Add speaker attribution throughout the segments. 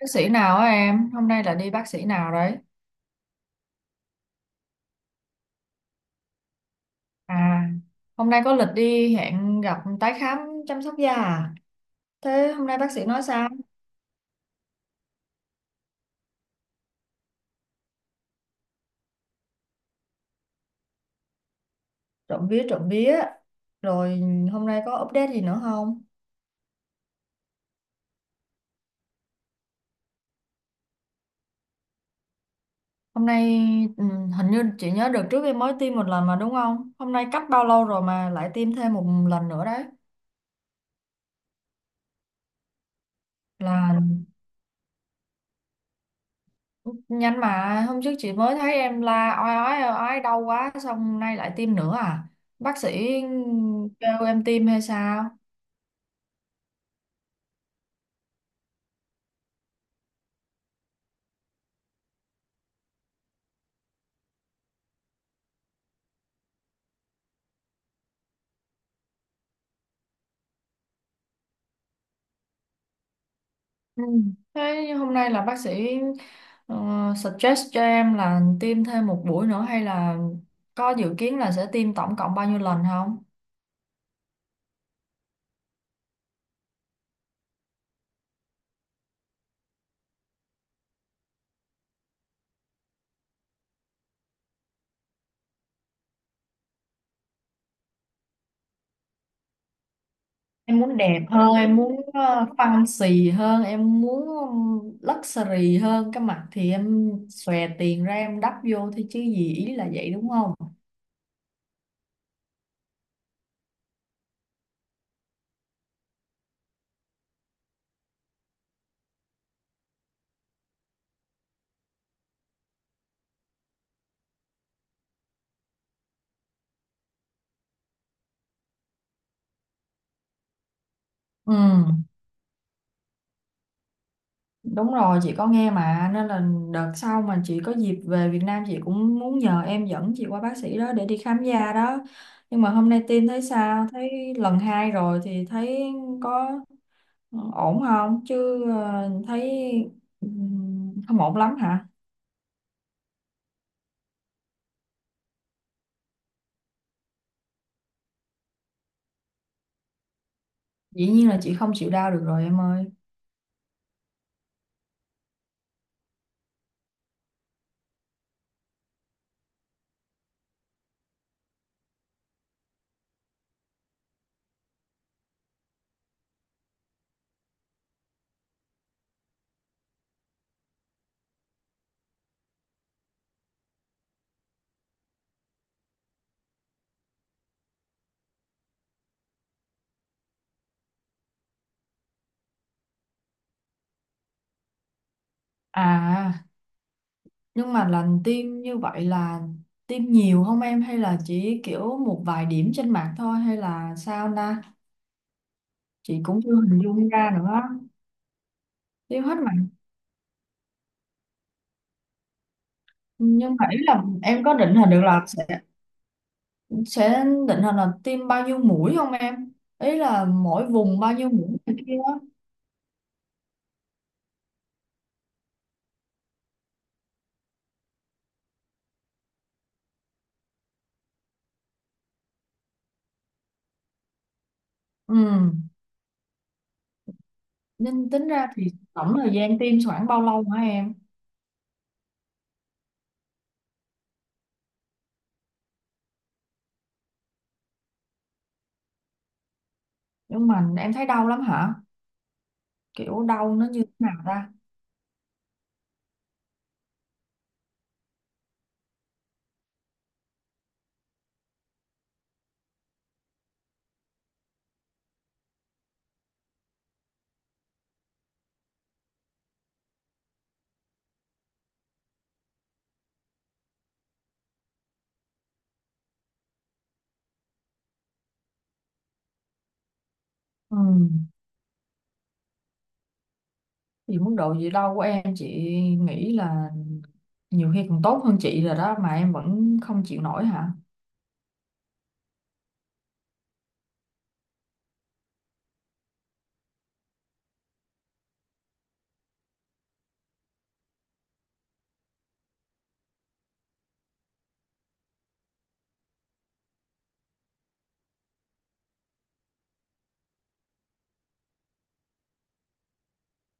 Speaker 1: Bác sĩ nào á em? Hôm nay là đi bác sĩ nào đấy? À, hôm nay có lịch đi hẹn gặp tái khám chăm sóc da à? Thế hôm nay bác sĩ nói sao? Trộm vía trộm vía. Rồi hôm nay có update gì nữa không? Hôm nay ừ, Hình như chị nhớ đợt trước em mới tiêm một lần mà đúng không? Hôm nay cách bao lâu rồi mà lại tiêm thêm một lần nữa đấy? Là nhanh mà hôm trước chị mới thấy em la oai oái đau quá xong nay lại tiêm nữa à? Bác sĩ kêu em tiêm hay sao? Ừ. Thế hôm nay là bác sĩ ờ, suggest cho em là tiêm thêm một buổi nữa hay là có dự kiến là sẽ tiêm tổng cộng bao nhiêu lần không? Em muốn đẹp hơn, em muốn fancy hơn, em muốn luxury hơn cái mặt thì em xòe tiền ra em đắp vô thôi chứ gì ý là vậy đúng không? Ừ. Đúng rồi, chị có nghe mà nên là đợt sau mà chị có dịp về Việt Nam chị cũng muốn nhờ em dẫn chị qua bác sĩ đó để đi khám da đó. Nhưng mà hôm nay tin thấy sao? Thấy lần hai rồi thì thấy có ổn không? Chứ thấy không ổn lắm hả? Dĩ nhiên là chị không chịu đau được rồi em ơi. À, nhưng mà lần tiêm như vậy là tiêm nhiều không em hay là chỉ kiểu một vài điểm trên mặt thôi hay là sao na? Chị cũng chưa hình dung ra nữa. Tiêm hết mặt, nhưng mà ý là em có định hình được là sẽ định hình là tiêm bao nhiêu mũi không em, ý là mỗi vùng bao nhiêu mũi này kia á. Ừ, nên tính ra thì tổng thời gian tiêm khoảng bao lâu hả em? Nhưng mà em thấy đau lắm hả? Kiểu đau nó như thế nào ta? ừ thì mức độ gì đau của em chị nghĩ là nhiều khi còn tốt hơn chị rồi đó mà em vẫn không chịu nổi hả?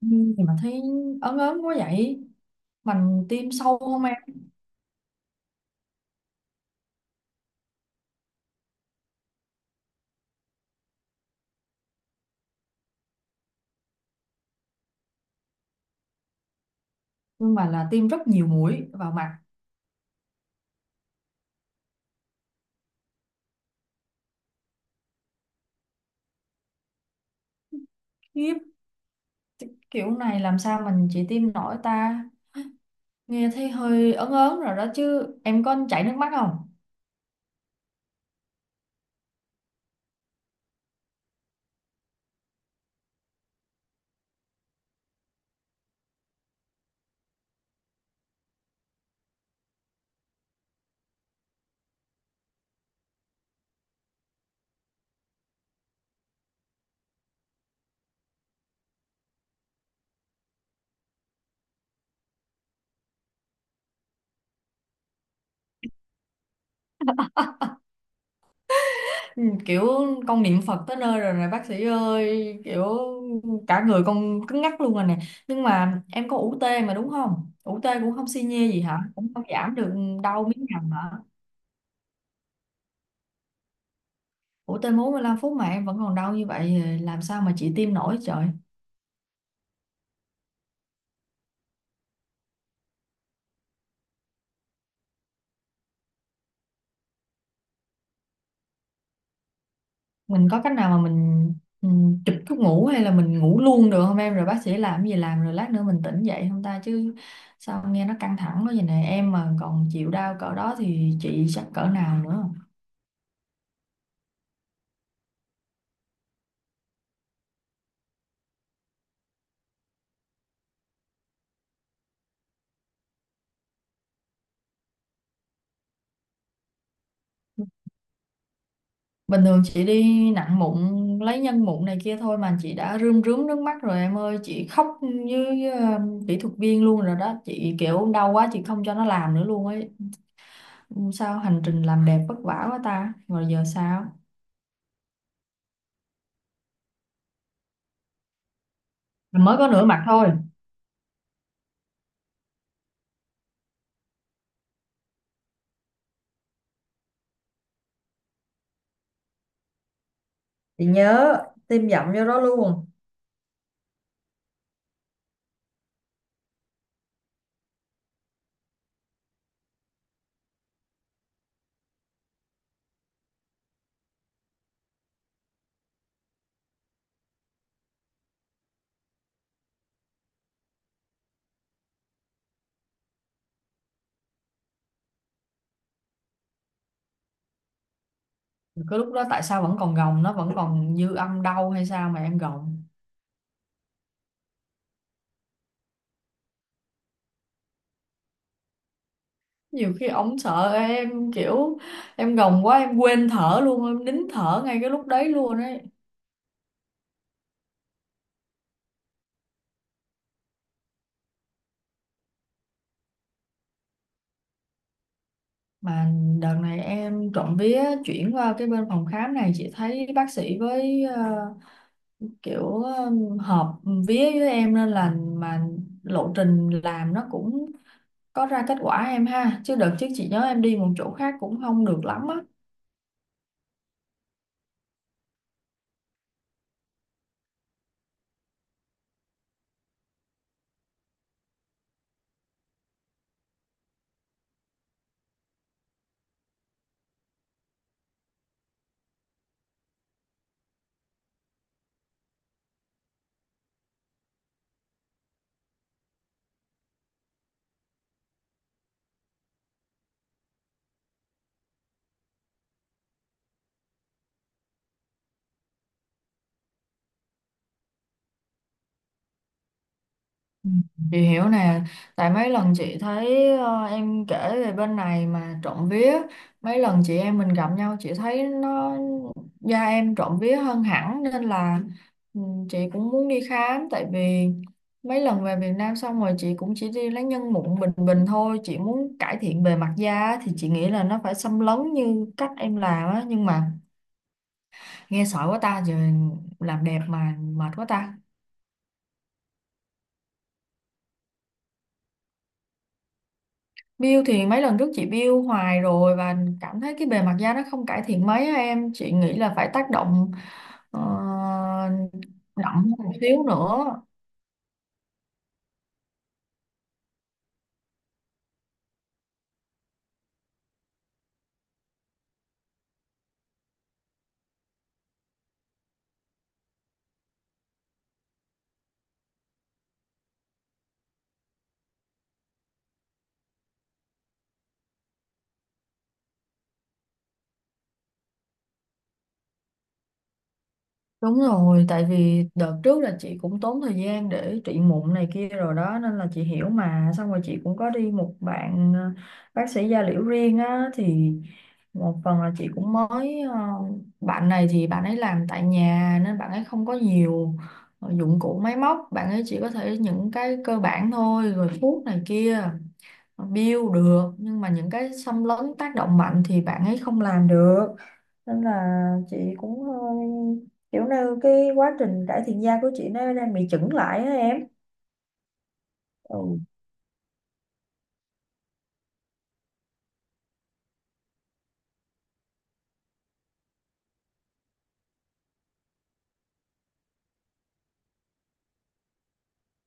Speaker 1: ừ, thì mà thấy ớn ớn quá vậy, mình tiêm sâu không em? Nhưng mà là tiêm rất nhiều mũi vào mặt. Khiếp. Kiểu này làm sao mình chỉ tim nổi ta? Nghe thấy hơi ớn ớn rồi đó chứ. Em có chảy nước mắt không? Ừ, kiểu con niệm Phật tới nơi rồi này bác sĩ ơi. Kiểu cả người con cứng ngắc luôn rồi nè. Nhưng mà em có u tê mà đúng không? U tê cũng không xi nhê gì hả? Cũng không giảm được đau miếng hàm hả? Ủ tê 45 phút mà em vẫn còn đau như vậy làm sao mà chị tim nổi trời. Mình có cách nào mà mình ừ, chụp thuốc ngủ hay là mình ngủ luôn được không em, rồi bác sĩ làm cái gì làm rồi lát nữa mình tỉnh dậy không ta, chứ sao nghe nó căng thẳng quá vậy này, em mà còn chịu đau cỡ đó thì chị chắc cỡ nào nữa. Bình thường chị đi nặng mụn lấy nhân mụn này kia thôi mà chị đã rơm rớm nước mắt rồi em ơi, chị khóc với kỹ thuật viên luôn rồi đó chị, kiểu đau quá chị không cho nó làm nữa luôn ấy. Ừ, sao hành trình làm đẹp vất vả quá ta, rồi giờ sao? Mới có nửa mặt thôi? Chị nhớ. Tiêm dặm vô đó luôn? Cái lúc đó tại sao vẫn còn gồng, nó vẫn còn dư âm đau hay sao mà em gồng? Nhiều khi ổng sợ em kiểu em gồng quá em quên thở luôn, em nín thở ngay cái lúc đấy luôn ấy. Mà đợt này em trộm vía chuyển qua cái bên phòng khám này, chị thấy bác sĩ với kiểu ờ, hợp vía với em nên là mà lộ trình làm nó cũng có ra kết quả em ha, chứ đợt trước chị nhớ em đi một chỗ khác cũng không được lắm á. Ừ, chị hiểu nè, tại mấy lần chị thấy em kể về bên này mà trộm vía, mấy lần chị em mình gặp nhau chị thấy nó da em trộm vía hơn hẳn nên là ừ, chị cũng muốn đi khám, tại vì mấy lần về Việt Nam xong rồi chị cũng chỉ đi lấy nhân mụn bình bình thôi, chị muốn cải thiện bề mặt da á, thì chị nghĩ là nó phải xâm lấn như cách em làm á, nhưng mà nghe sợ quá ta, giờ làm đẹp mà mệt quá ta. Bill thì mấy lần trước chị bill hoài rồi và cảm thấy cái bề mặt da nó không cải thiện mấy á em, chị nghĩ là phải tác động ờ, đậm một xíu nữa. Đúng rồi, tại vì đợt trước là chị cũng tốn thời gian để trị mụn này kia rồi đó nên là chị hiểu mà, xong rồi chị cũng có đi một bạn bác sĩ da liễu riêng á, thì một phần là chị cũng mới bạn này thì bạn ấy làm tại nhà nên bạn ấy không có nhiều dụng cụ máy móc, bạn ấy chỉ có thể những cái cơ bản thôi rồi thuốc này kia build được, nhưng mà những cái xâm lấn tác động mạnh thì bạn ấy không làm được, nên là chị cũng hơi kiểu như cái quá trình cải thiện da của chị nó đang bị chững lại á em. Ừ.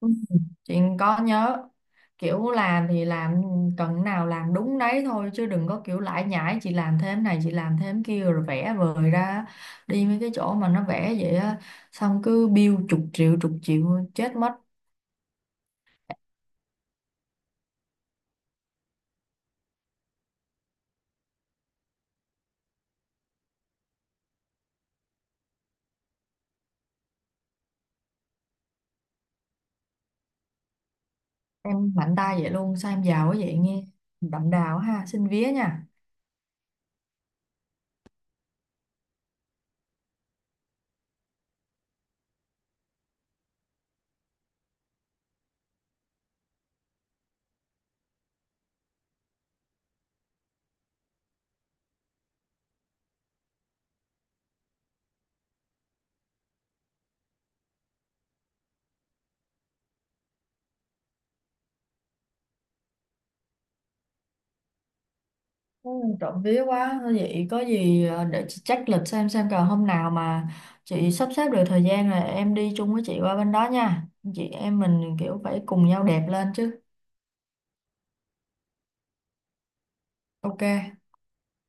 Speaker 1: Ừ. Chị có nhớ, kiểu làm thì làm, cần nào làm đúng đấy thôi chứ đừng có kiểu lải nhải chị làm thêm này chị làm thêm kia rồi vẽ vời ra. Đi mấy cái chỗ mà nó vẽ vậy á, xong cứ bill chục triệu chục triệu, chết mất. Em mạnh tay vậy luôn sao, em giàu quá vậy nghe, đậm đào ha, xin vía nha. ừ, Trộm vía quá. Thôi vậy có gì để chị check lịch xem còn hôm nào mà chị sắp xếp được thời gian là em đi chung với chị qua bên đó nha, chị em mình kiểu phải cùng nhau đẹp lên chứ. OK.